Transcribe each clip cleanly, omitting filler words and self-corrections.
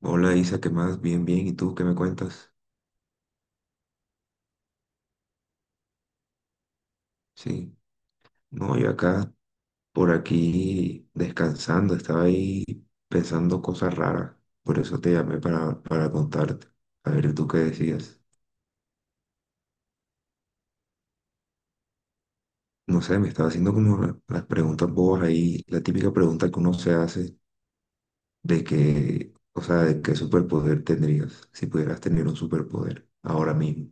Hola Isa, ¿qué más? Bien, bien. ¿Y tú qué me cuentas? Sí. No, yo acá, por aquí, descansando. Estaba ahí pensando cosas raras. Por eso te llamé para contarte. A ver, ¿tú qué decías? No sé, me estaba haciendo como las preguntas bobas ahí. La típica pregunta que uno se hace de que, o sea, de qué superpoder tendrías si pudieras tener un superpoder ahora mismo.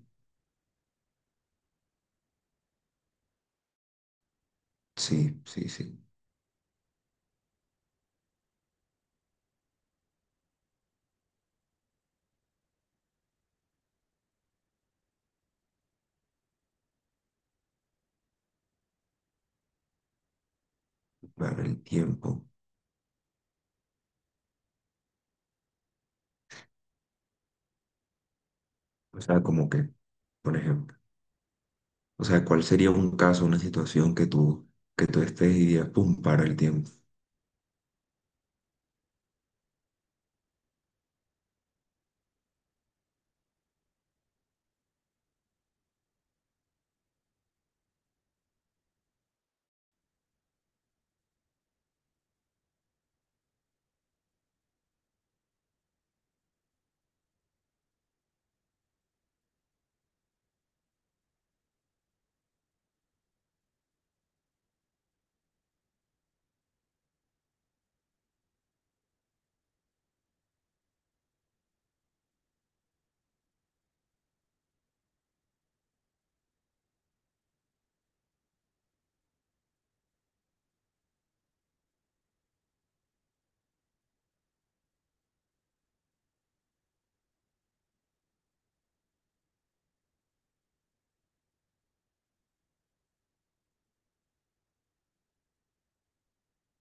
Sí, sí, sí. Para el tiempo. O sea, como que, por ejemplo. O sea, ¿cuál sería un caso, una situación que tú estés y digas, pum, para el tiempo?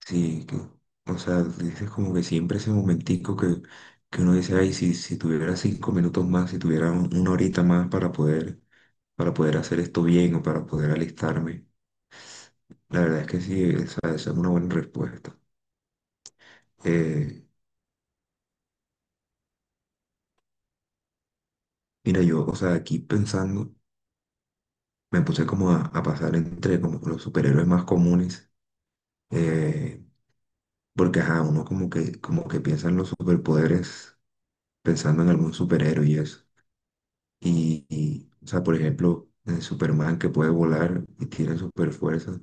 Sí, que, o sea, dices como que siempre ese momentico que uno dice, ay, si tuviera 5 minutos más, si tuviera una horita más para poder hacer esto bien o para poder alistarme. La verdad es que sí, esa es una buena respuesta. Eh, Mira, yo, o sea, aquí pensando, me puse como a pasar entre como los superhéroes más comunes. Eh, Porque, ajá, uno como que piensa en los superpoderes pensando en algún superhéroe y eso. O sea, por ejemplo, en Superman que puede volar y tiene super fuerza,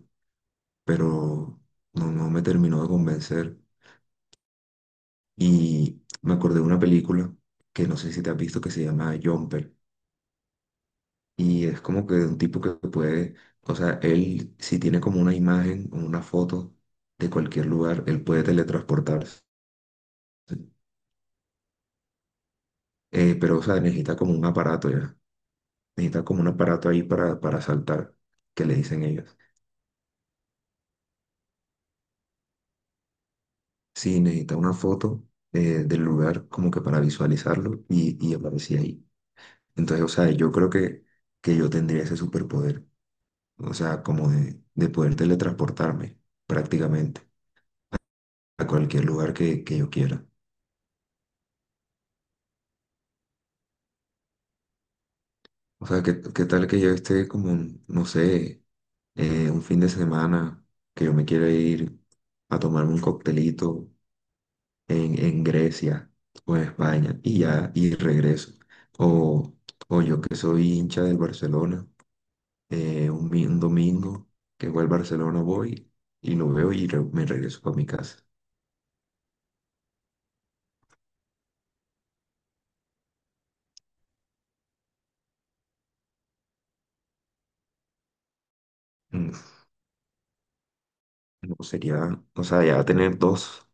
pero no, no me terminó de convencer. Y me acordé de una película que no sé si te has visto que se llama Jumper. Y es como que de un tipo que puede, o sea, él si tiene como una imagen o una foto de cualquier lugar, él puede teletransportarse. Pero, o sea, necesita como un aparato ya. Necesita como un aparato ahí para saltar, que le dicen ellos. Sí, necesita una foto del lugar como que para visualizarlo y aparecía ahí. Entonces, o sea, yo creo que yo tendría ese superpoder. O sea, como de poder teletransportarme prácticamente a cualquier lugar que yo quiera. O sea, ¿qué, qué tal que yo esté como, no sé, un fin de semana que yo me quiera ir a tomarme un coctelito en Grecia o en España y ya, y regreso. O, o yo que soy hincha del Barcelona, un, un domingo que voy al Barcelona voy y lo veo y me regreso para mi casa. Mm, no sería, o sea, ya tener dos,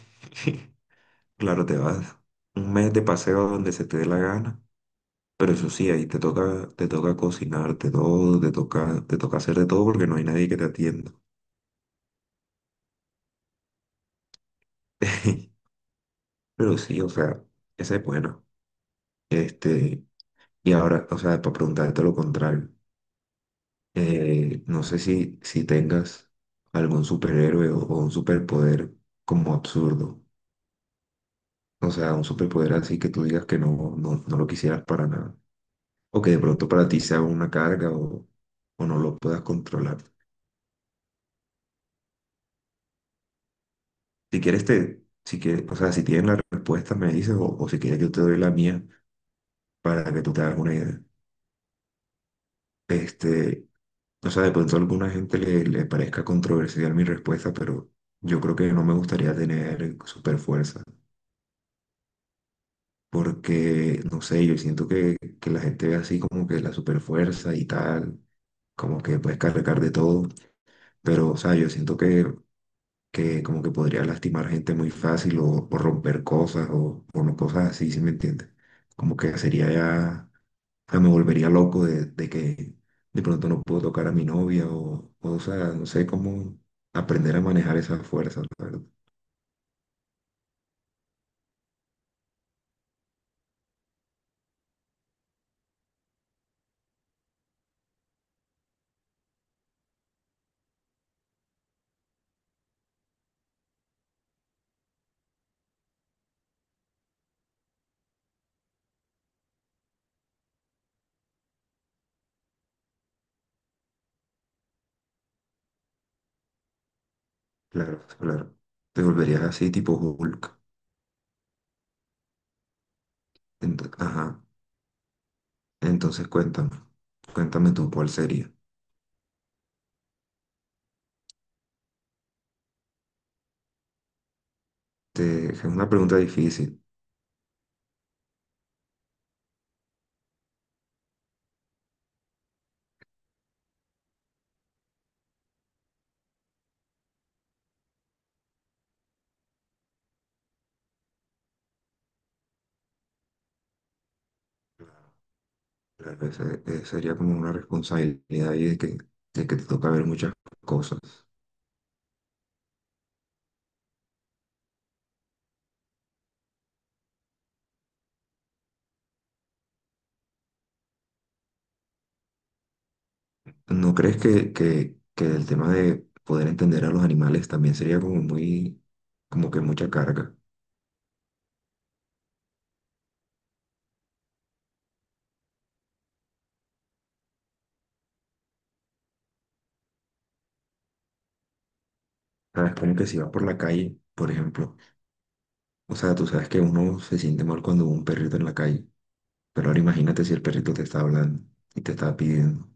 claro, te vas un mes de paseo donde se te dé la gana. Pero eso sí, ahí te toca cocinarte todo, te toca hacer de todo porque no hay nadie que te atienda. Pero sí, o sea, esa es buena. Este, y ahora, o sea, para preguntarte lo contrario, no sé si, si tengas algún superhéroe o un superpoder como absurdo. O sea, un superpoder así que tú digas que no, no, no lo quisieras para nada. O que de pronto para ti sea una carga o no lo puedas controlar. Si quieres, te, si quieres, o sea, si tienes la respuesta, me dices, o si quieres, yo te doy la mía para que tú te hagas una idea. Este, o sea, de pronto a alguna gente le, le parezca controversial mi respuesta, pero yo creo que no me gustaría tener super fuerza, porque, no sé, yo siento que la gente ve así como que la super fuerza y tal, como que puedes cargar de todo, pero, o sea, yo siento que como que podría lastimar gente muy fácil o romper cosas o no cosas así, ¿sí me entiendes? Como que sería ya, o sea, me volvería loco de que de pronto no puedo tocar a mi novia o sea, no sé cómo aprender a manejar esas fuerzas, la verdad. Claro, claro. Te volverías así tipo Hulk. Ajá. Entonces cuéntame, cuéntame tú cuál sería. Es una pregunta difícil. Claro, sería como una responsabilidad ahí de que te toca ver muchas cosas. ¿No crees que el tema de poder entender a los animales también sería como muy, como que mucha carga? ¿Sabes? Como que si vas por la calle, por ejemplo, o sea, tú sabes que uno se siente mal cuando ve un perrito en la calle, pero ahora imagínate si el perrito te está hablando y te está pidiendo,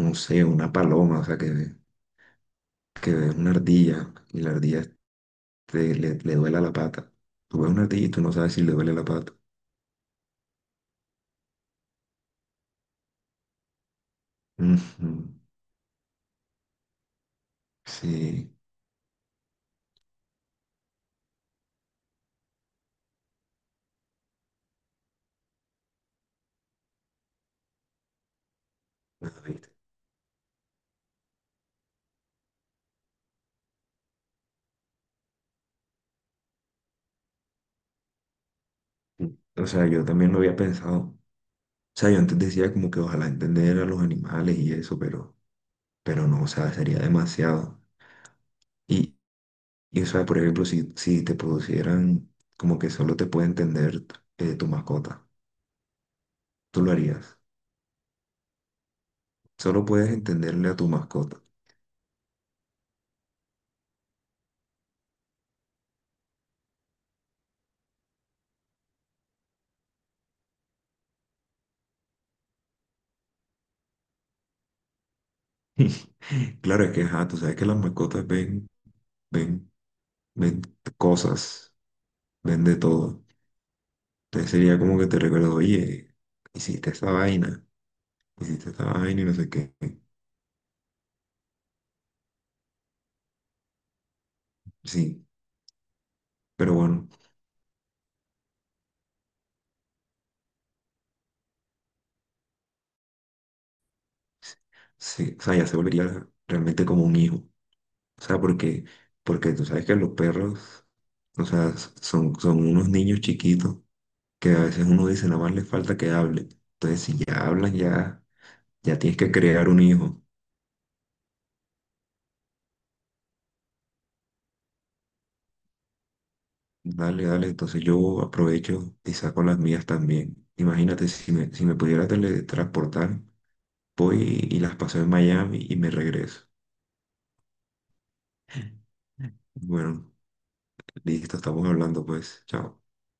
no sé, una paloma, o sea, que, que ves una ardilla y la ardilla te, le duele la pata. Tú ves una ardilla y tú no sabes si le duele la pata. Ujú, sí, bueno, viste. O sea, yo también lo había pensado. O sea, yo antes decía como que ojalá entender a los animales y eso, pero no, o sea, sería demasiado. Y, y o sea, por ejemplo, si, si te producieran como que solo te puede entender tu mascota, tú lo harías. Solo puedes entenderle a tu mascota. Claro, es que, ajá, tú sabes que las mascotas ven, ven, ven cosas, ven de todo. Entonces sería como que te recuerdo, oye, hiciste esa vaina. Hiciste esta vaina y no sé qué. Sí, pero bueno, sí, o sea, ya se volvería realmente como un hijo. O sea, porque, porque tú sabes que los perros, o sea, son, son unos niños chiquitos que a veces uno dice, nada más les falta que hable. Entonces, si ya hablan, ya, ya tienes que crear un hijo. Dale, dale, entonces yo aprovecho y saco las mías también. Imagínate, si me, si me pudiera teletransportar, voy y las paso en Miami y me regreso. Bueno. Listo, estamos hablando pues. Chao.